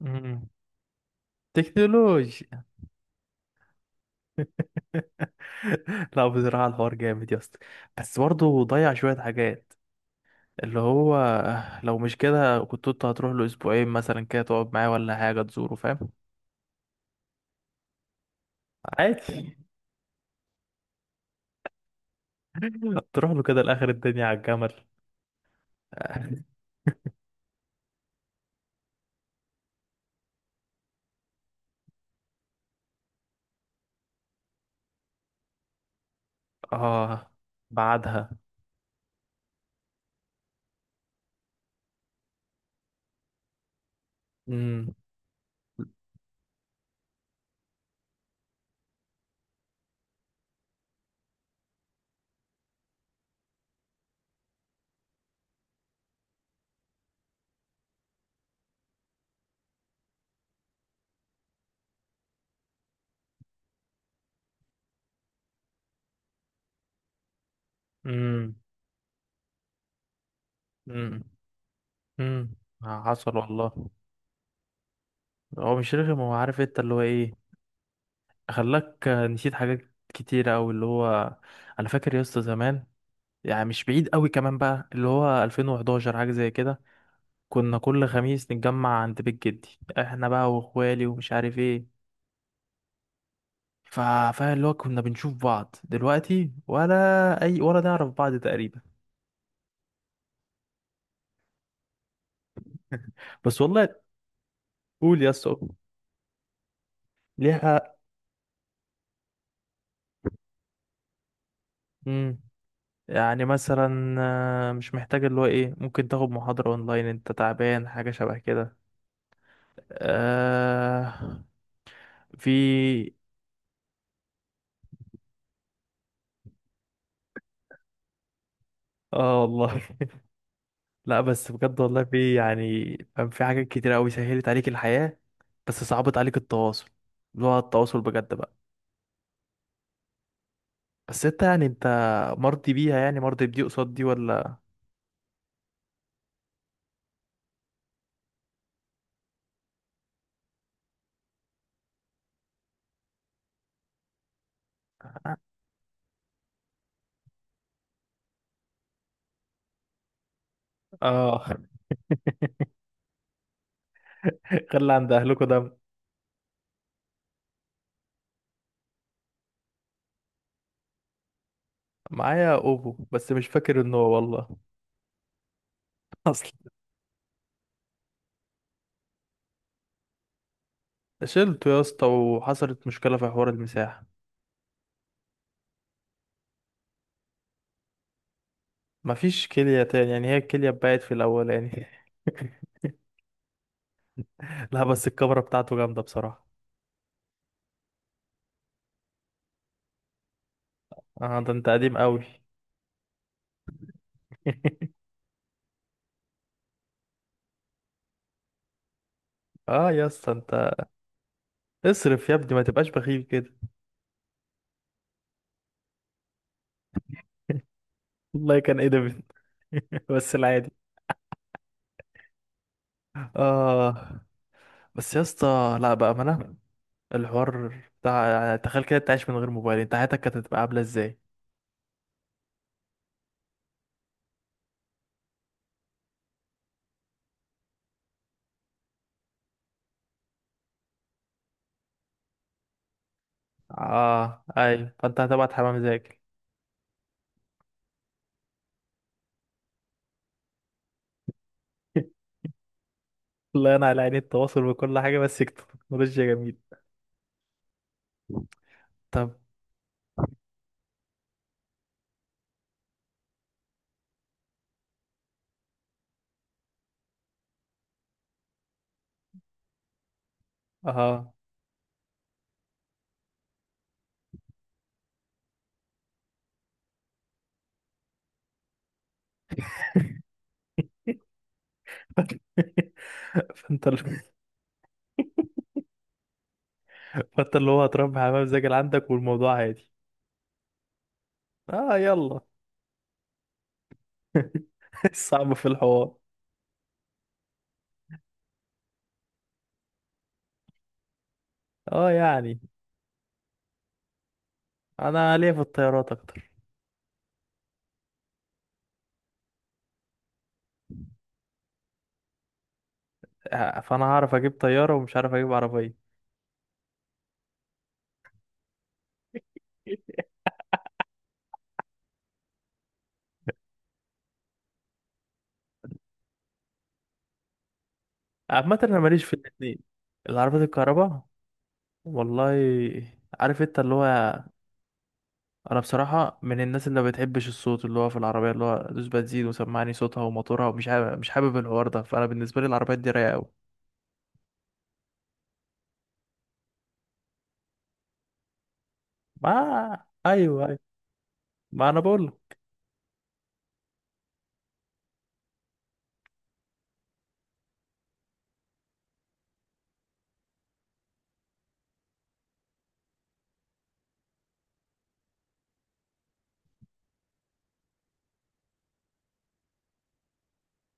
مم. تكنولوجيا. لا، بصراحة الحوار جامد يا اسطى. بس برضه ضيع شوية حاجات. اللي هو لو مش كده كنت انت هتروح له اسبوعين مثلا كده، تقعد معاه ولا حاجة، تزوره، فاهم؟ عادي. تروح له كده لاخر الدنيا على الجمل. اه، بعدها. امم امم امم امم حصل والله. هو مش رخم، هو عارف انت اللي هو ايه. خلاك نسيت حاجات كتيرة أوي، اللي هو انا فاكر يا اسطى زمان، يعني مش بعيد قوي كمان، بقى اللي هو 2011 حاجة زي كده. كنا كل خميس نتجمع عند بيت جدي. احنا بقى واخوالي ومش عارف ايه. فاهم اللي هو كنا بنشوف بعض دلوقتي، ولا اي، ولا نعرف بعض تقريبا. بس والله، قول يا اسطى. ليه حق. امم يعني مثلا، مش محتاج اللي هو ايه، ممكن تاخد محاضرة اونلاين انت تعبان، حاجة شبه كده. آه، في. اه والله. لا، بس بجد والله في يعني، فاهم، في حاجات كتير قوي سهلت عليك الحياة. بس صعبت عليك التواصل، اللي هو التواصل بجد بقى. بس انت، يعني انت مرضي بيها؟ يعني مرضي بدي قصاد دي، ولا؟ اه. خلي عند اهلكوا ده. معايا اوبو بس مش فاكر ان هو والله. اصلا. شلته يا اسطى وحصلت مشكلة في حوار المساحة. مفيش كلية تاني، يعني هي الكلية اتبقت في الاولاني. لا، بس الكاميرا بتاعته جامدة بصراحة. اه ده انت قديم قوي. اه يا اسطى انت، اصرف يا ابني، ما تبقاش بخيل كده. والله كان ايه ده بنت. بس العادي. اه. بس يا اسطى لا بقى، ما انا الحوار بتاع، يعني تخيل كده انت عايش من غير موبايل، انت حياتك كانت هتبقى عامله ازاي؟ اه ايوه، فانت هتبعت حمام زاكل. والله انا على عيني التواصل وكل حاجه، بس تكنولوجيا جميل. طب. اه. فانت ال- فانت اللي هو هتربي حمام زاكل عندك، والموضوع عادي. اه يلا. صعب في الحوار. اه يعني، انا ليا في الطيارات. آه، فانا هعرف اجيب طياره ومش عارف اجيب عربيه. عامه انا ماليش في الاتنين. العربيات الكهرباء؟ والله، عارف انت اللي هو، انا بصراحه من الناس اللي ما بتحبش الصوت، اللي هو في العربيه اللي هو دوس بنزين وسمعني صوتها وموتورها، ومش حابب، مش حابب الحوار ده، فانا بالنسبه لي العربيات دي رايقه قوي. ما ايوه ايوه، ما انا بقول لك.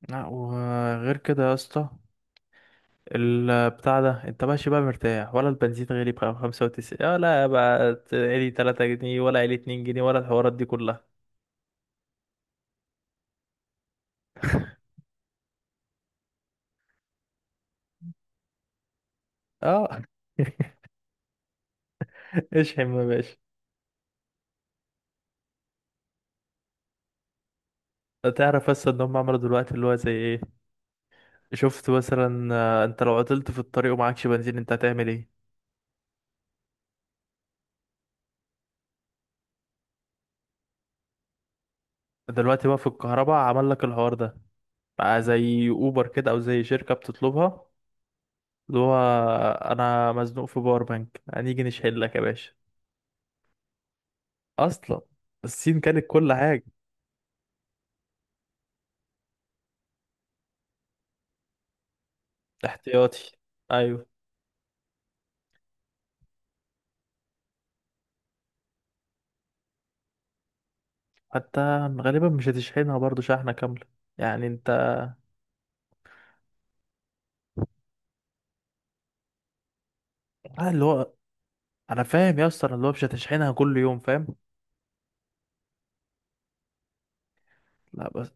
لا وغير كده يا اسطى، البتاع ده انت ماشي بقى مرتاح، ولا البنزين غالي بقى 95، ولا بقى علي 3 جنيه، ولا علي 2 جنيه، ولا الحوارات دي كلها. اه. اشحن يا باشا. تعرف بس ان هم عملوا دلوقتي اللي هو زي ايه؟ شفت مثلا، انت لو عطلت في الطريق ومعكش بنزين، انت هتعمل ايه؟ دلوقتي بقى في الكهرباء عمل لك الحوار ده، بقى زي اوبر كده، او زي شركة بتطلبها. اللي هو انا مزنوق في باور بانك، هنيجي نشحن لك يا باشا. اصلا. الصين كانت كل حاجة. احتياطي، ايوه. حتى غالبا مش هتشحنها برضو شحنة كاملة، يعني انت، اللي هو انا فاهم يا اسطى، اللي هو مش هتشحنها كل يوم، فاهم. لا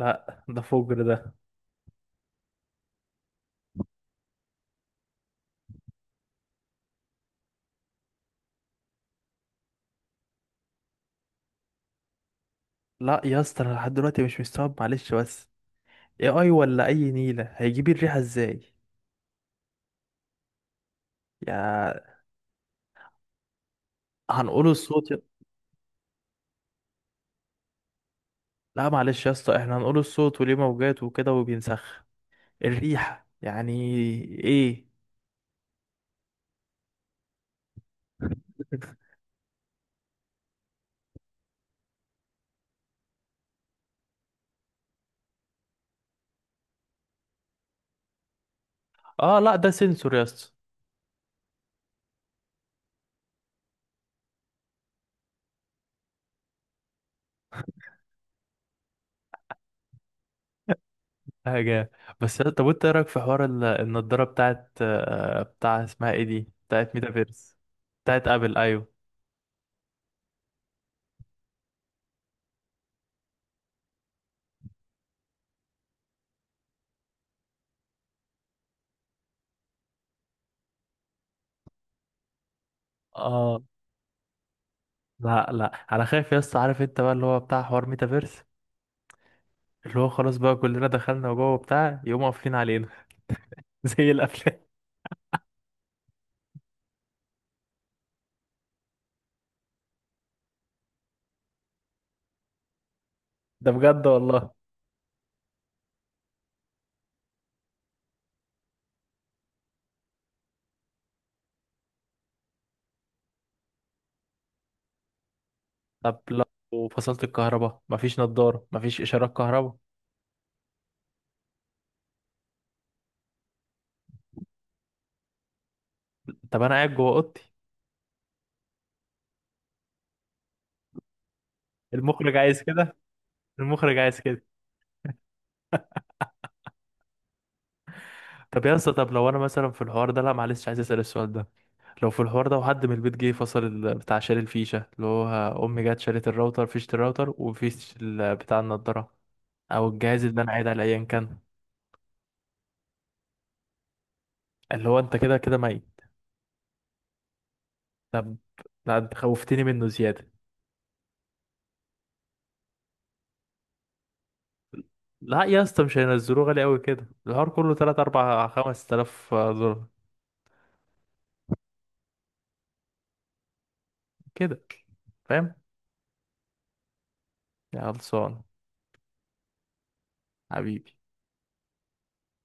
لا، ده فجر ده. لا يا اسطى، انا لحد دلوقتي مش مستوعب معلش بس، اي اي، ولا اي نيله هيجيب الريحه ازاي؟ يا هنقول الصوت لا معلش يا اسطى، احنا هنقول الصوت وليه موجات وكده وبينسخ الريحه، يعني ايه؟ اه، لا ده سنسور يا اسطى. حاجه. طب وانت ايه رايك في حوار النضاره بتاعت، آه، بتاع اسمها ايه دي، بتاعت ميتافيرس، بتاعت ابل، ايوه. اه. لا لا، انا خايف يا اسطى، عارف انت بقى اللي هو بتاع حوار ميتافيرس، اللي هو خلاص بقى كلنا دخلنا جوه بتاع، يقوموا قافلين علينا. زي الافلام. ده بجد والله. طب لو فصلت الكهرباء، مفيش نضارة، مفيش اشارات كهرباء. طب انا قاعد جوه اوضتي. المخرج عايز كده، المخرج عايز كده. طب يا اسطى، طب لو انا مثلا في الحوار ده، لا معلش عايز اسال السؤال ده. لو في الحوار ده وحد من البيت جه فصل بتاع، شال الفيشه، اللي هو امي جت شالت الراوتر، فيشه الراوتر وفيش بتاع النضاره، او الجهاز اللي انا قاعد عليه ايا كان. اللي هو انت كده كده ميت. طب. لا انت خوفتني منه زياده. لا يا اسطى، مش هينزلوه غالي قوي كده، الحوار كله 3 4 5000 دولار كده، فاهم؟ يا خلصان حبيبي.